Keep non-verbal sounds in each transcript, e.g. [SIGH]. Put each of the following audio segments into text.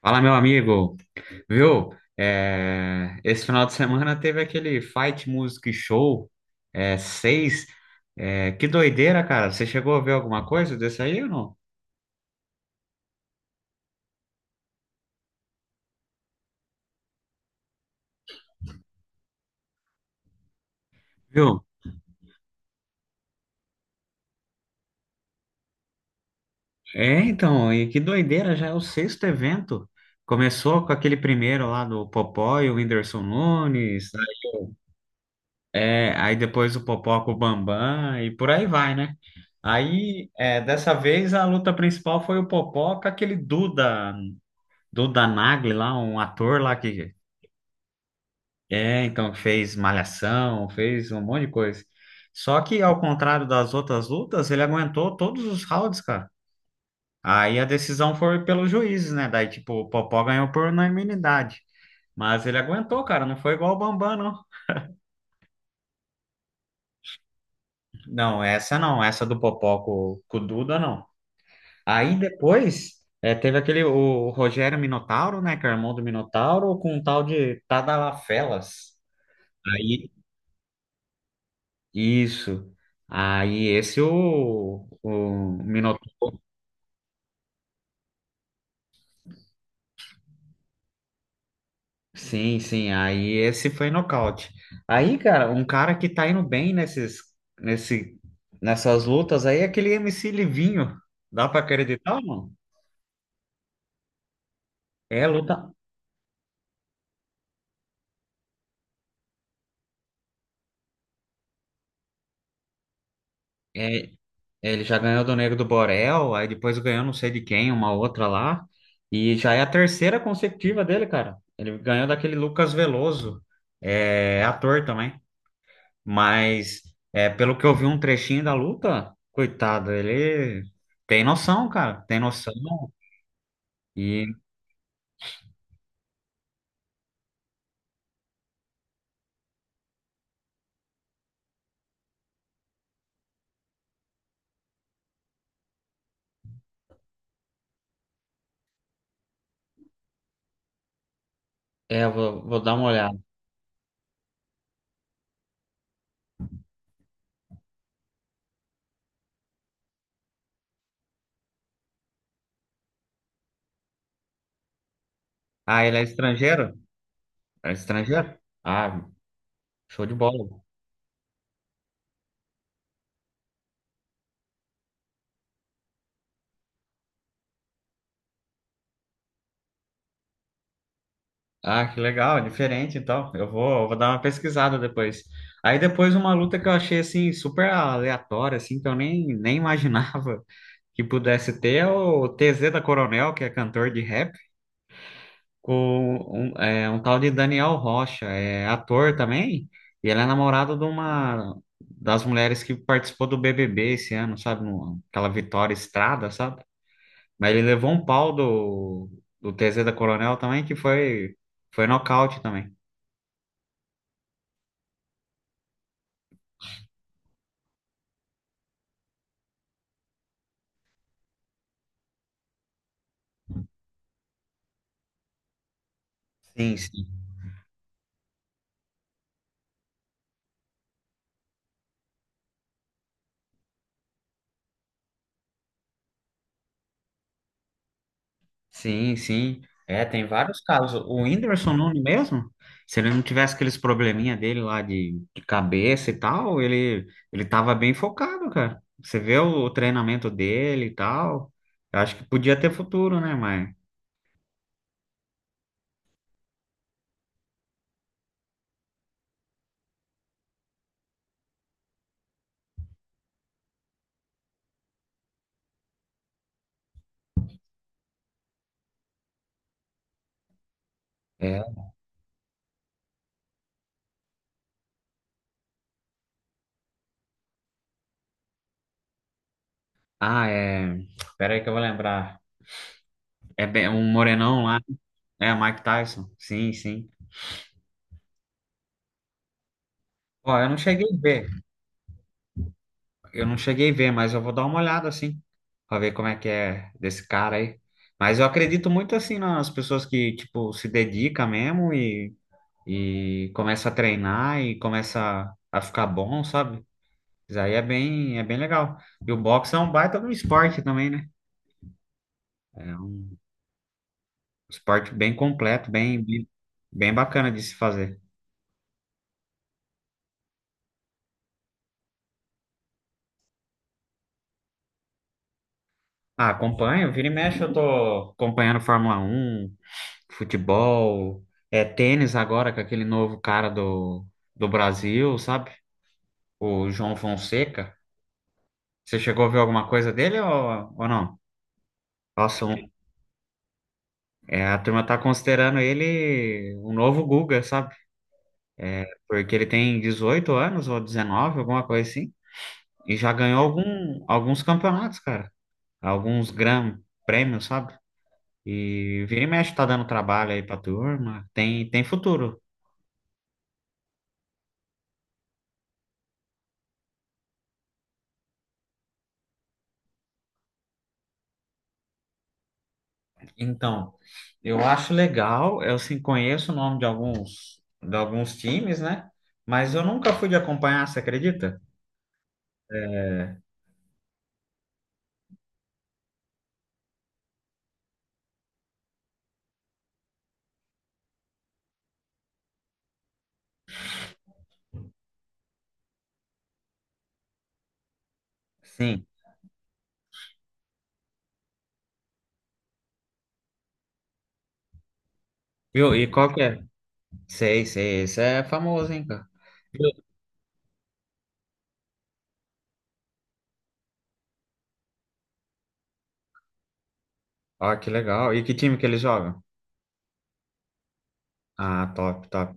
Fala, meu amigo. Viu? É, esse final de semana teve aquele Fight Music Show 6. É, que doideira, cara. Você chegou a ver alguma coisa desse aí ou não? Viu? É, então, e que doideira, já é o sexto evento. Começou com aquele primeiro lá do Popó e o Whindersson Nunes. É, aí depois o Popó com o Bambam e por aí vai, né? Aí, dessa vez, a luta principal foi o Popó com aquele Duda Nagli lá, um ator lá que então fez Malhação, fez um monte de coisa. Só que ao contrário das outras lutas, ele aguentou todos os rounds, cara. Aí a decisão foi pelos juízes, né? Daí tipo, o Popó ganhou por unanimidade. Mas ele aguentou, cara, não foi igual o Bambam, não. Não, essa não, essa do Popó com o Duda, não. Aí depois teve aquele, o Rogério Minotauro, né, que é irmão do Minotauro, com um tal de Tadalá Felas. Aí. Isso. Aí esse o Minotauro. Sim, sim. Aí esse foi nocaute. Aí, cara, um cara que tá indo bem nesse, nessas lutas aí é aquele MC Livinho. Dá pra acreditar, mano? É luta. É, ele já ganhou do Negro do Borel, aí depois ganhou não sei de quem, uma outra lá. E já é a terceira consecutiva dele, cara. Ele ganhou daquele Lucas Veloso. É ator também. Mas pelo que eu vi um trechinho da luta, coitado, ele tem noção, cara, tem noção. E eu vou dar uma olhada. Ah, ele é estrangeiro? É estrangeiro? Ah, show de bola. Ah, que legal, é diferente então. Eu vou dar uma pesquisada depois. Aí depois uma luta que eu achei assim super aleatória, assim, que eu nem imaginava [LAUGHS] que pudesse ter é o TZ da Coronel, que é cantor de rap. Com um tal de Daniel Rocha, é ator também, e ele é namorada de uma das mulheres que participou do BBB esse ano, sabe? Aquela Vitória Estrada, sabe? Mas ele levou um pau do TZ da Coronel também, que foi nocaute também. Sim, sim. Sim, sim. É, tem vários casos. O Whindersson Nunes mesmo, se ele não tivesse aqueles probleminha dele lá de cabeça e tal, ele tava bem focado, cara. Você vê o treinamento dele e tal. Eu acho que podia ter futuro, né, mas... É. Ah, é... Espera aí que eu vou lembrar. É um morenão lá. É, Mike Tyson. Sim, sim. Ó, eu não cheguei a ver. Eu não cheguei a ver, mas eu vou dar uma olhada assim, pra ver como é que é desse cara aí. Mas eu acredito muito assim nas pessoas que, tipo, se dedica mesmo e começa a treinar e começa a ficar bom, sabe? Isso aí é bem legal. E o boxe é um baita de um esporte também, né? É um esporte bem completo, bem bacana de se fazer. Ah, acompanho, vira e mexe eu tô acompanhando Fórmula 1. Futebol, tênis agora com aquele novo cara do Brasil, sabe? O João Fonseca. Você chegou a ver alguma coisa dele ou não? Nossa, a turma tá considerando ele o novo Guga, sabe? Porque ele tem 18 anos ou 19, alguma coisa assim, e já ganhou alguns campeonatos, cara. Alguns gran prêmios, sabe? E vira e mexe tá dando trabalho aí pra turma. Tem futuro. Então, eu acho legal, eu sim conheço o nome de alguns times, né? Mas eu nunca fui de acompanhar, você acredita? Sim. Viu? E qual que é? Sei, sei, esse é famoso, hein, cara? Viu? Ó, que legal. E que time que eles jogam? Ah, top, top.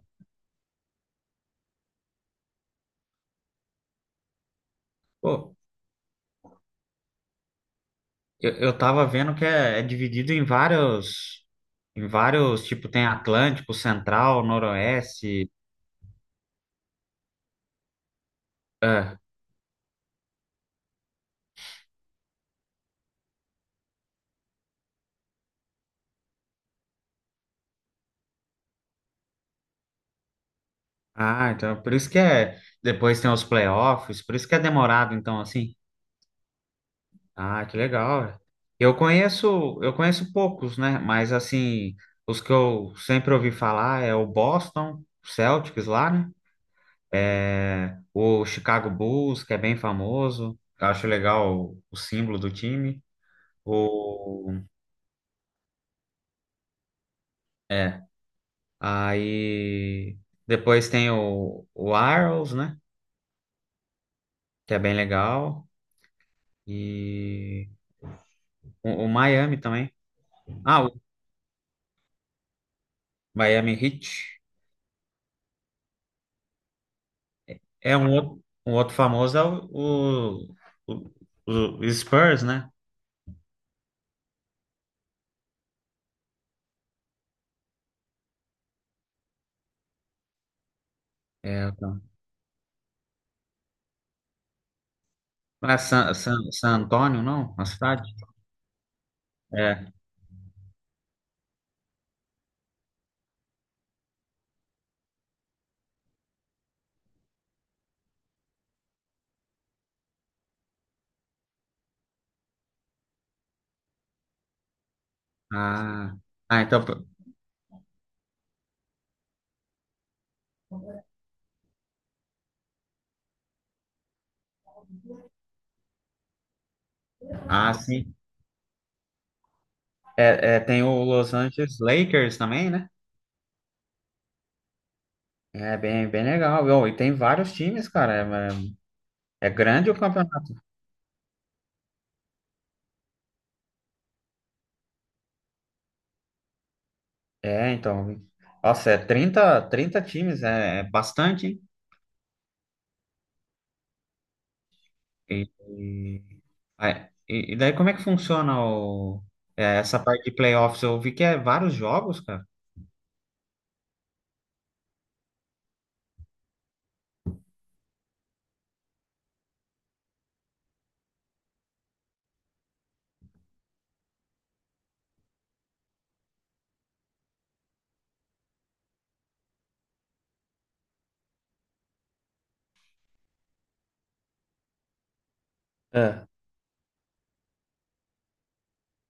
Pô, eu tava vendo que é dividido em vários, tipo, tem Atlântico, Central, Noroeste. É. Ah, então por isso que é, depois tem os playoffs, por isso que é demorado, então, assim. Ah, que legal. Eu conheço poucos, né? Mas assim, os que eu sempre ouvi falar é o Boston Celtics lá, né? É, o Chicago Bulls, que é bem famoso. Eu acho legal o símbolo do time. O, é. Aí depois tem o Arrows, né? Que é bem legal. E o Miami também. Ah, o Miami Heat. É um outro famoso é o, o Spurs, né? É, então. Não é San Antônio, não? A cidade? É. Ah, então. Ah, sim. Tem o Los Angeles Lakers também, né? É bem, bem legal. Viu? E tem vários times, cara. É, é grande o campeonato. É, então. Nossa, é trinta times, é bastante, hein? Ah, é. E daí como é que funciona o, essa parte de playoffs? Eu vi que é vários jogos, cara. É.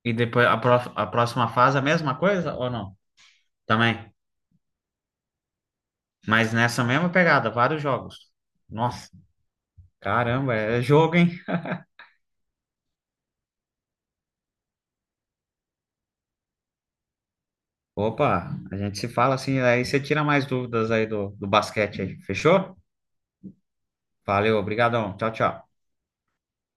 E depois a próxima fase é a mesma coisa ou não? Também. Mas nessa mesma pegada, vários jogos. Nossa, caramba, é jogo, hein? Opa, a gente se fala assim, aí você tira mais dúvidas aí do basquete aí. Fechou? Valeu, obrigadão. Tchau, tchau.